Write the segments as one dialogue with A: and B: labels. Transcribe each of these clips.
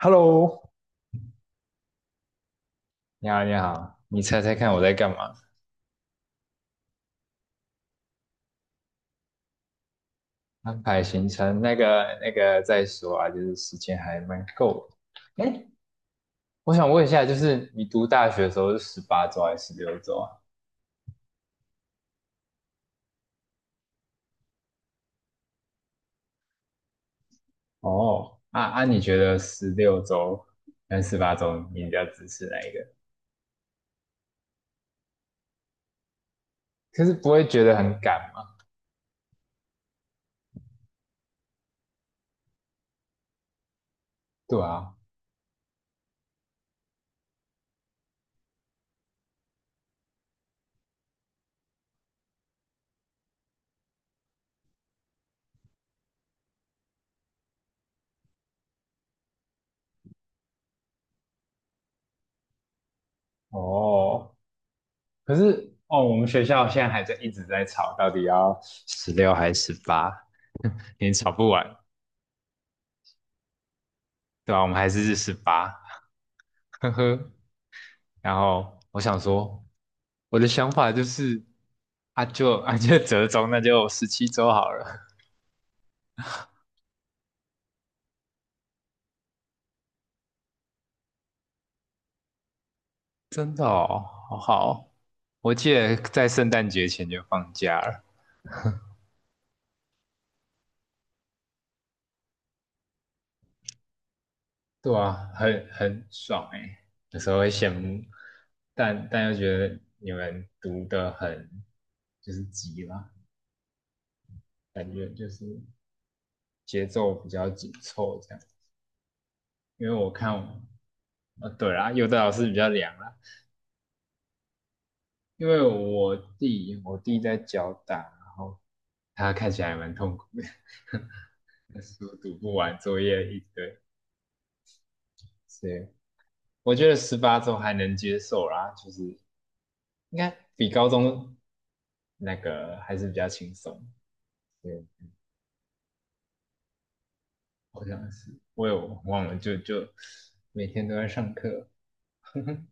A: Hello，你好，你好，你猜猜看我在干嘛？安排行程，那个再说啊，就是时间还蛮够的。哎，我想问一下，就是你读大学的时候是十八周还是十六周啊？哦，啊啊，你觉得十六周跟十八周你比较支持哪一个？可是不会觉得很赶吗？对啊，哦，可是哦，我们学校现在还在一直在吵，到底要十六还是十八？也吵不完。对吧？我们还是十八，呵呵。然后我想说，我的想法就是，啊就折中，那就17周好了。真的哦，好好，我记得在圣诞节前就放假了。对啊，很爽哎，有时候会羡慕，但又觉得你们读的很就是急啦，感觉就是节奏比较紧凑这样。因为我看哦对啦，有的老师比较凉啦，因为我弟在脚打，然后他看起来还蛮痛苦的，书读不完，作业一堆，所以我觉得十八周还能接受啦，就是应该比高中那个还是比较轻松。对，好像是，我有忘了，就每天都在上课。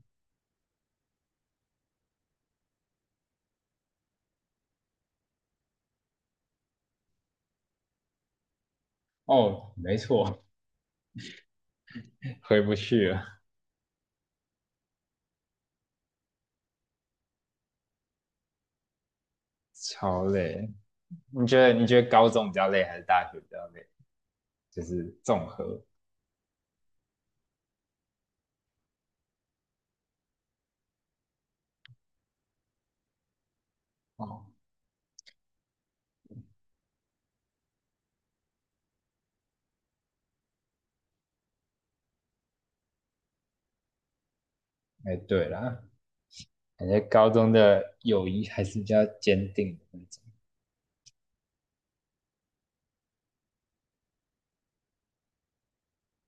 A: 哦，没错，回不去了，超累。你觉得高中比较累还是大学比较累？就是综合哦。哎，欸对啦，感觉高中的友谊还是比较坚定的那种。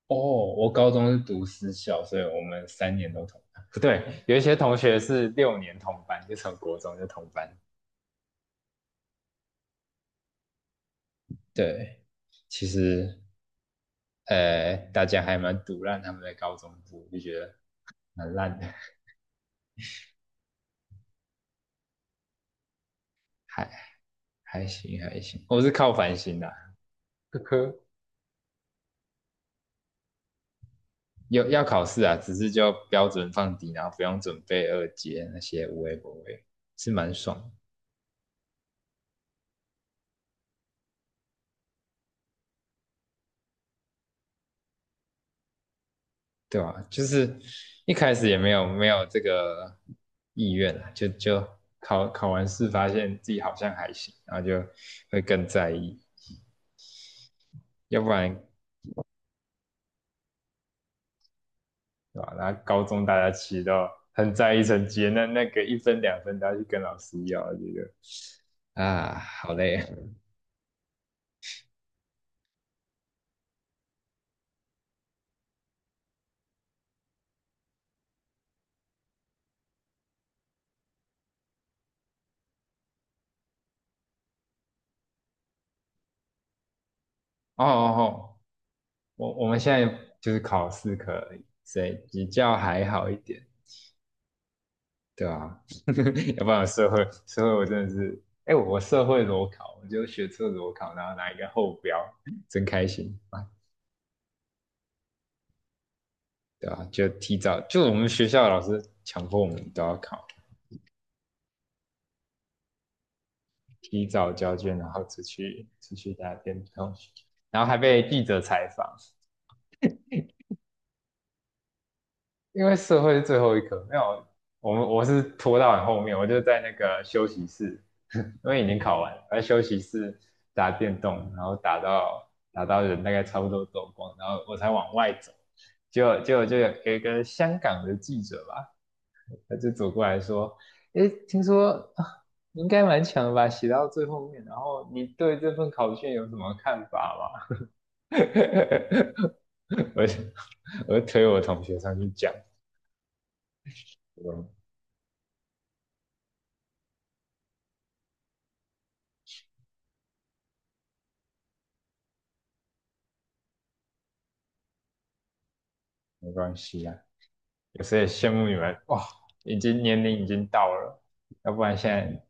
A: 哦，我高中是读私校，所以我们3年都同班。不对，有一些同学是6年同班，就从国中就同班。对，其实大家还蛮毒烂他们在高中部，就觉得蛮烂的，还还行还行。我是靠反省的、啊，呵呵。科有要考试啊，只是就标准放低，然后不用准备二阶那些无为不为，是蛮爽的，对吧、就是一开始也没有没有这个意愿啊，就考完试发现自己好像还行，然后就会更在意，要不然对吧、然后高中大家其实都很在意成绩，那个一分两分都要去跟老师要，这个啊好累哦哦哦，我们现在就是考4可以，所以比较还好一点，对啊 要不然社会我真的是，哎、欸我社会裸考，我就学测裸考，然后拿一个后标，真开心啊，对啊，就提早就我们学校的老师强迫我们都要考，提早交卷，然后出去打电动，然后还被记者采访，因为社会是最后一科，没有，我是拖到很后面，我就在那个休息室，因为已经考完了，在休息室打电动，然后打到人大概差不多走光，然后我才往外走，结果就有一个香港的记者吧，他就走过来说，诶，听说啊你应该蛮强的吧，写到最后面，然后你对这份考卷有什么看法吗？我就我就推我同学上去讲。没关系啊。有时也羡慕你们，哇，已经年龄已经到了，要不然现在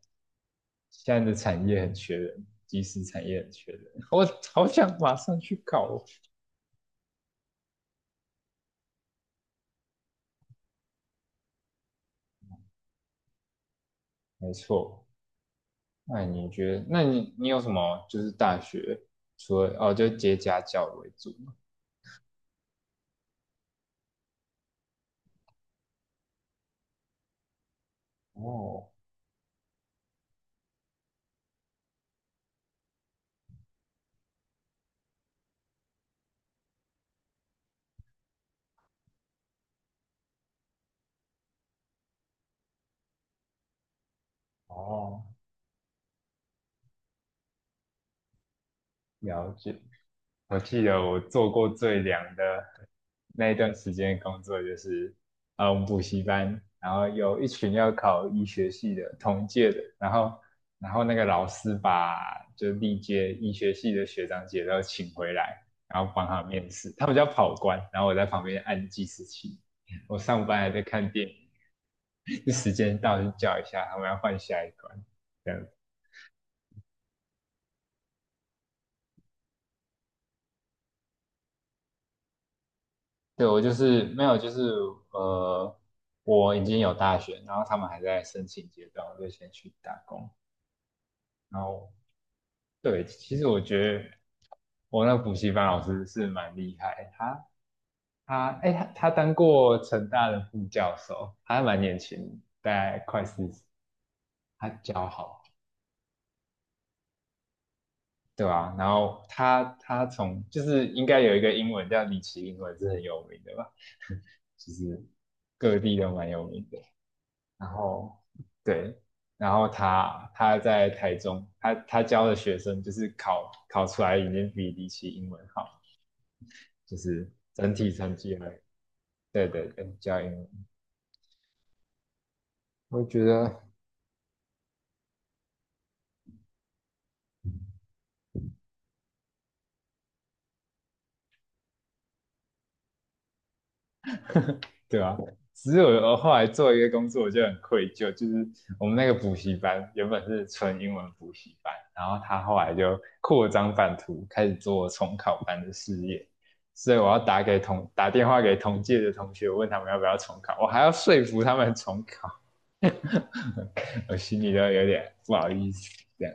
A: 现在的产业很缺人，即时产业很缺人，我好想马上去搞哦。没错，那你觉得，那你有什么就是大学除了哦，就接家教为主吗？哦哦，了解。我记得我做过最凉的那一段时间工作就是，我们补习班，然后有一群要考医学系的同届的，然后那个老师把就历届医学系的学长姐都请回来，然后帮他们面试，他们叫跑官，然后我在旁边按计时器，我上班还在看电影，时间到就叫一下，他们要换下一关，对，我就是没有，就是呃，我已经有大学，然后他们还在申请阶段，我就先去打工。然后，对，其实我觉得我那补习班老师是蛮厉害，他哎、他当过成大的副教授，他还蛮年轻，大概快40，他教好，对啊，然后他从就是应该有一个英文叫李奇英文是很有名的吧，就是各地都蛮有名的。然后对，然后他在台中，他教的学生就是考出来已经比离奇英文好，就是整体成绩还对对对，教英文，我觉得对啊，只是我后来做一个工作，我就很愧疚，就是我们那个补习班原本是纯英文补习班，然后他后来就扩张版图，开始做重考班的事业，所以我要打电话给同届的同学，问他们要不要重考，我还要说服他们重考，我心里都有点不好意思。这样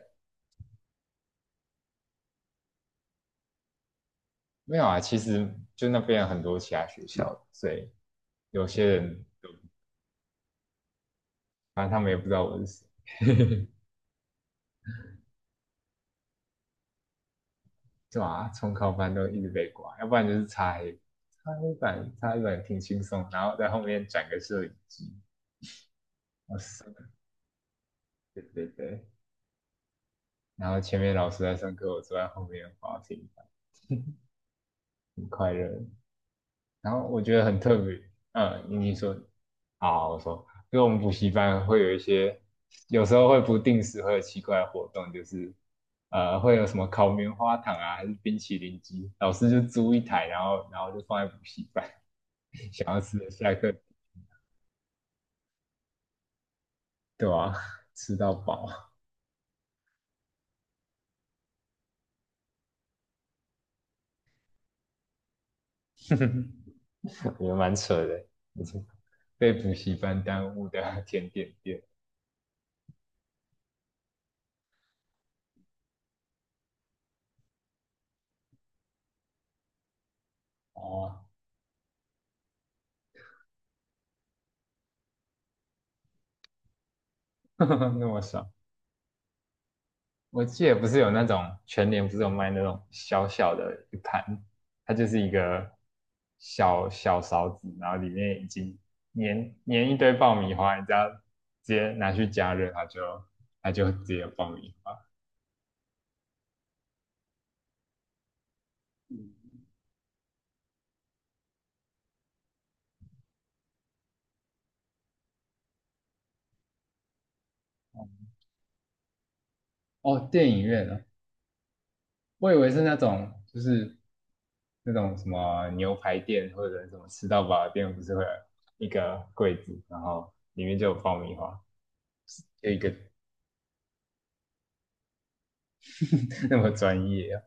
A: 没有啊，其实就那边有很多其他学校，所以有些人反正他们也不知道我是谁。对啊，重考班都一直被挂，要不然就是擦黑板，挺轻松，然后在后面转个摄影机，哇塞，对对对，然后前面老师在上课，我坐在后面滑平板，很快乐。然后我觉得很特别，嗯，你说，好，我说，因为我们补习班会有一些，有时候会不定时会有奇怪的活动，就是会有什么烤棉花糖啊，还是冰淇淋机，老师就租一台，然后就放在补习班。想要吃的下课对啊，吃到饱，也蛮扯的，没错，被补习班耽误的甜点店哦，那么少。我记得不是有那种全年不是有卖那种小小的一盘，它就是一个小小勺子，然后里面已经粘粘一堆爆米花，你只要直接拿去加热，它就直接有爆米花。哦，电影院啊，我以为是那种就是那种什么牛排店或者什么吃到饱的店，不是会有一个柜子，然后里面就有爆米花，就一个 那么专业啊！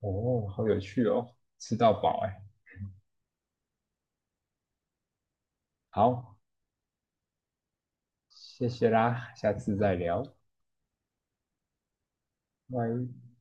A: 哦，好有趣哦，吃到饱哎！好，谢谢啦，下次再聊，拜。